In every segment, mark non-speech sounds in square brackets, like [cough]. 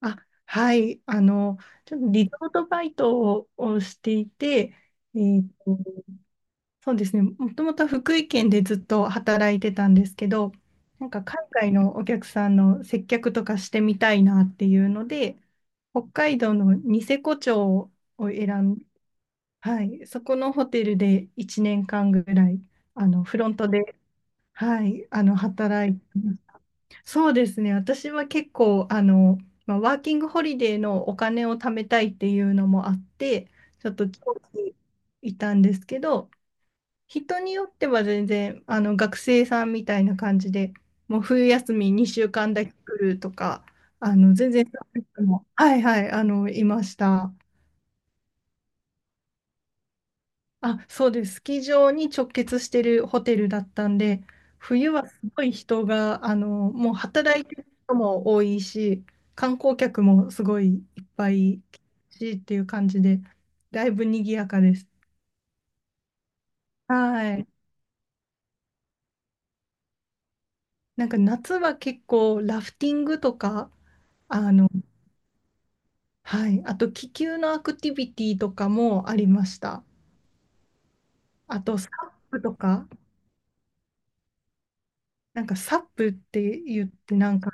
あ、はい。ちょっとリゾートバイトをしていて、えーと、そうですね、もともとは福井県でずっと働いてたんですけど、なんか海外のお客さんの接客とかしてみたいなっていうので、北海道のニセコ町を選ん、はい、そこのホテルで1年間ぐらい、フロントで、はい、働いてました。そうですね。私は結構、まあ、ワーキングホリデーのお金を貯めたいっていうのもあって、ちょっと長期いたんですけど、人によっては全然、学生さんみたいな感じで、もう冬休み2週間だけ来るとか、全然そういう人も、はいはい、いました。あ、そうです。スキー場に直結してるホテルだったんで、冬はすごい人が、もう働いてる人も多いし、観光客もすごいいっぱい来るしっていう感じで、だいぶ賑やかです。はい。なんか夏は結構ラフティングとか、あの、はい。あと気球のアクティビティとかもありました。あとサップとか、なんかサップって言ってなんか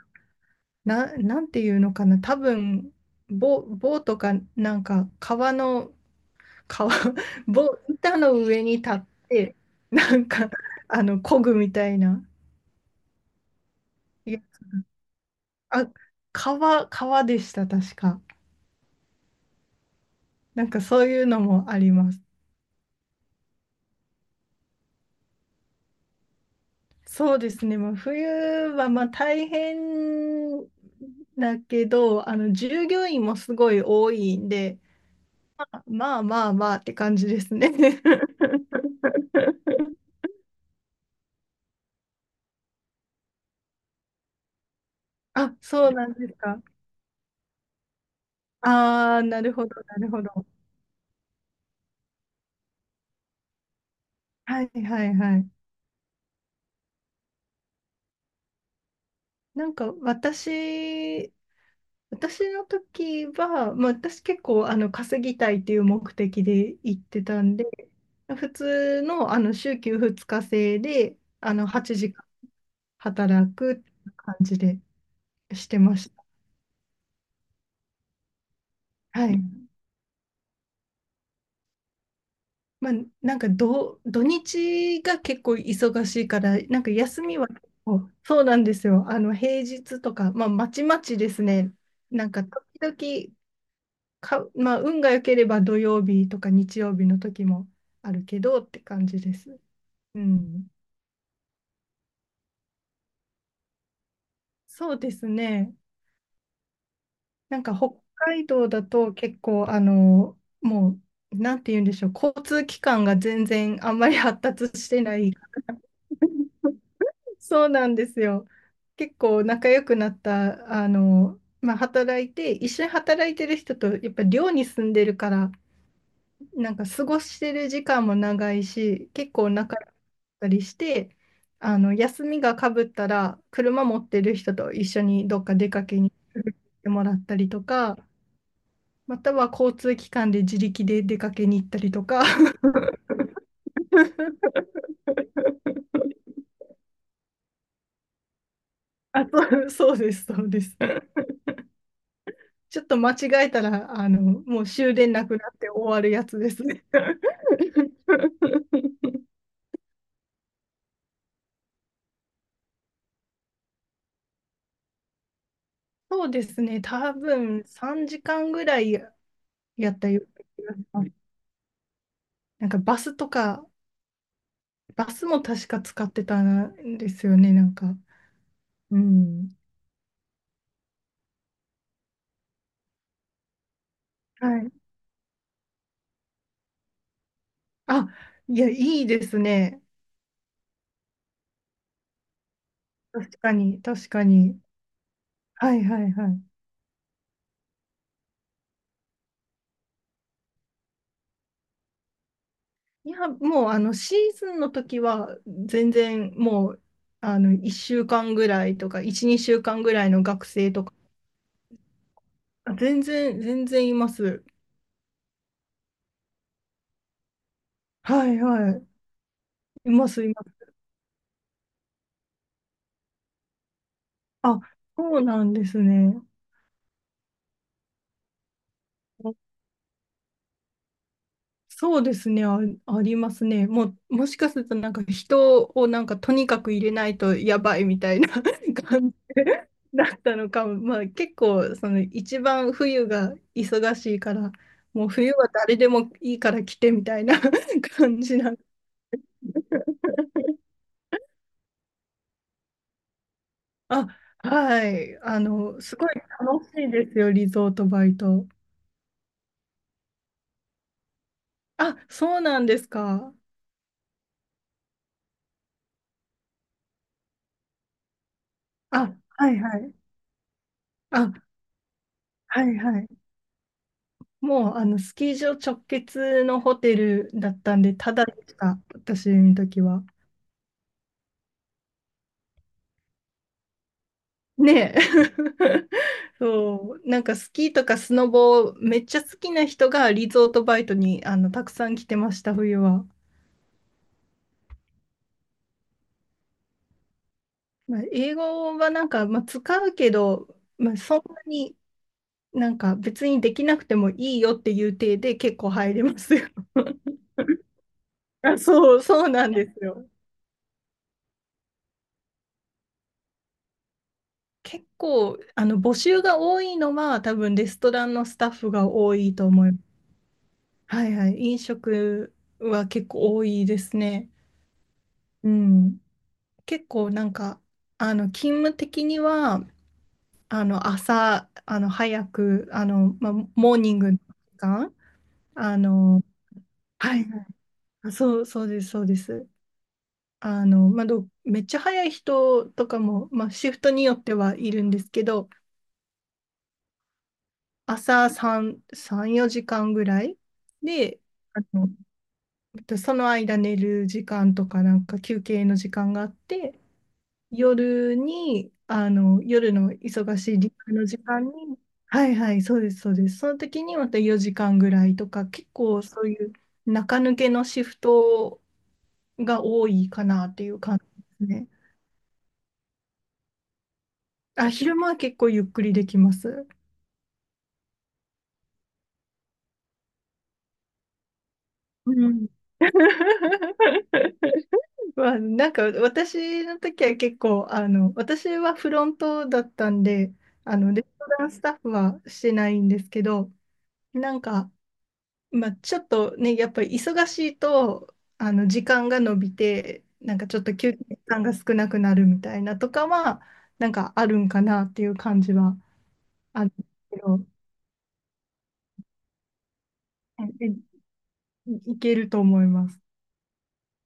な、なんていうのかな、多分、棒とか、なんか、川、[laughs] 板の上に立って、なんか、漕ぐみたいな。いや、あ、川でした、確か。なんか、そういうのもあります。そうですね、まあ、冬は、まあ、大変だけど、従業員もすごい多いんで、まあまあまあまあって感じですね。[laughs] あ、そうなんですか。ああ、なるほど、なるほど。はいはいはい。なんか私の時は、まあ、私結構稼ぎたいっていう目的で行ってたんで、普通の、あの週休2日制で8時間働くって感じでしてました。はい。まあ、なんか土日が結構忙しいから、なんか休みは結構、そうなんですよ。平日とか、まあ、まちまちですね。なんか、時々か、まあ、運が良ければ土曜日とか日曜日の時もあるけどって感じです。うん。そうですね。なんか、北海道だと結構、もう、なんて言うんでしょう。交通機関が全然あんまり発達してないそうなんですよ。結構仲良くなった、まあ、働いて、一緒に働いてる人と、やっぱ寮に住んでるから、なんか過ごしてる時間も長いし、結構仲良かったりして、休みがかぶったら、車持ってる人と一緒にどっか出かけに行ってもらったりとか、または交通機関で自力で出かけに行ったりとか、[laughs] あ、そう、そうです、そうです。ちょっと間違えたら、もう終電なくなって終わるやつですね。そうですね、多分3時間ぐらいやったような気がします。なんかバスとか、バスも確か使ってたんですよね、なんか。うん。はい。あ、いや、いいですね。確かに、確かに。はいはいはい。いや、もうあのシーズンの時は全然もう1週間ぐらいとか、1、2週間ぐらいの学生とか、あ全然、全然います。はいはい。います、います。あ、そうなんですね。そうですね、あ、ありますね。もう、もしかするとなんか人をなんかとにかく入れないとやばいみたいな [laughs] 感じだったのかも。まあ結構その一番冬が忙しいから、もう冬は誰でもいいから来てみたいな [laughs] 感じな。あ、はい。すごい楽しいですよ、リゾートバイト。あ、そうなんですか。あ、はいはい。あ、はいはい。もうあのスキー場直結のホテルだったんで、ただでした、私の時は。ねえ。[laughs] そう、なんかスキーとかスノボめっちゃ好きな人がリゾートバイトにたくさん来てました、冬は。まあ、英語はなんか、まあ、使うけど、まあ、そんなになんか別にできなくてもいいよっていう体で結構入れますよ。[laughs] あ、そう、そうなんですよ。結構募集が多いのは多分レストランのスタッフが多いと思います。はいはい。飲食は結構多いですね。うん。結構なんか、勤務的には、朝、早く、まあ、モーニングの時間、あの、はいはい。そう、そうです、そうです。まあ、めっちゃ早い人とかも、まあ、シフトによってはいるんですけど、朝3、4時間ぐらいで、あの、その間寝る時間とか、なんか休憩の時間があって、夜に、夜の忙しい時間の時間に、はいはい、そうです、そうです。その時にまた4時間ぐらいとか、結構そういう中抜けのシフトが多いかなっていう感じですね。あ、昼間は結構ゆっくりできます。うん。まあ、なんか私の時は結構、私はフロントだったんで、レストランスタッフはしてないんですけど、なんか、まあ、ちょっとね、やっぱり忙しいと、時間が延びて、なんかちょっと休憩時間が少なくなるみたいなとかは、なんかあるんかなっていう感じはあるけど、えいいけると思います。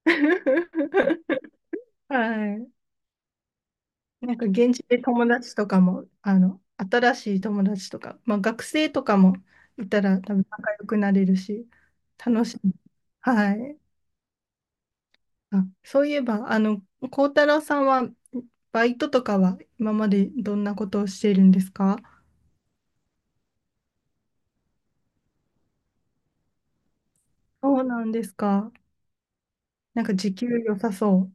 [laughs] はい。なんか現地で友達とかも、新しい友達とか、まあ、学生とかもいたら多分仲良くなれるし、楽しい。はい。あ、そういえば、幸太郎さんは、バイトとかは今までどんなことをしているんですか？そうなんですか。なんか時給良さそ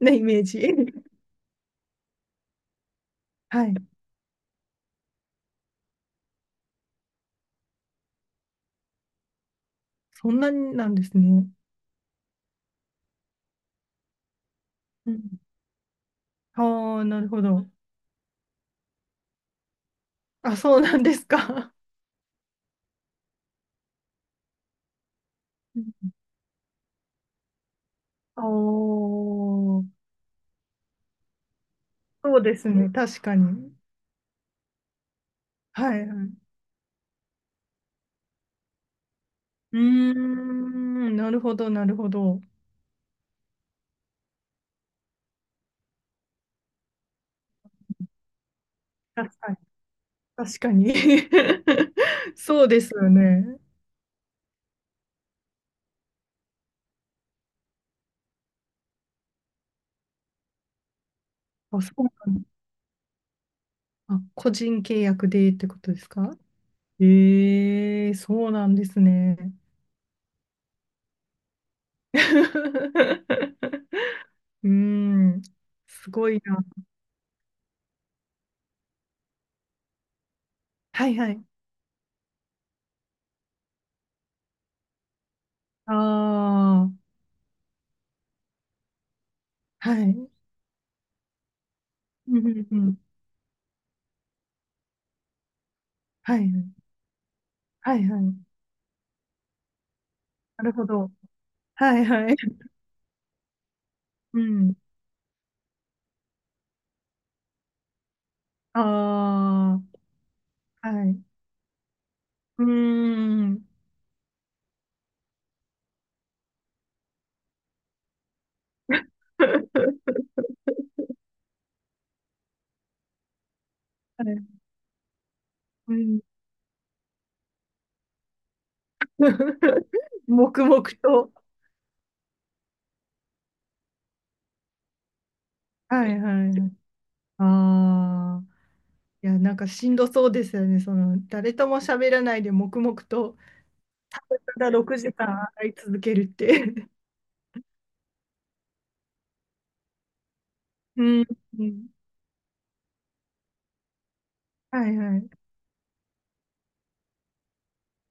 う [laughs] なイメージ。はい。そんなになんですね。うん。ああ、なるほど。あ、そうなんですか。おおー、そうですね。確かに。はいはい。うーん、なるほど、なるほど。確かに。確かに。[laughs] そうですよね。あ、そうなんだ。あ、個人契約でってことですか？ええそうなんですね。[laughs] うーん、すごいな。はいはい。ああ、はい。うんうんうん。はいはい。はいはい。なるほど。はいはい。うん。ああ、はい。うーん。[laughs] はい。うん。[laughs] 黙々と。はいはい。ああ。いや、なんかしんどそうですよね。その、誰とも喋らないで黙々と、ただ6時間会い続けるって。[laughs] うん。うんはいはい。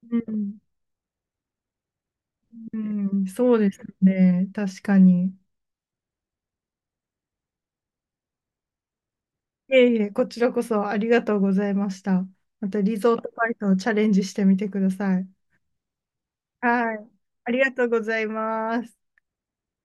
うん。うん。そうですね。確かに。いえいえ、こちらこそありがとうございました。またリゾートバイトをチャレンジしてみてください。はい。ありがとうございます。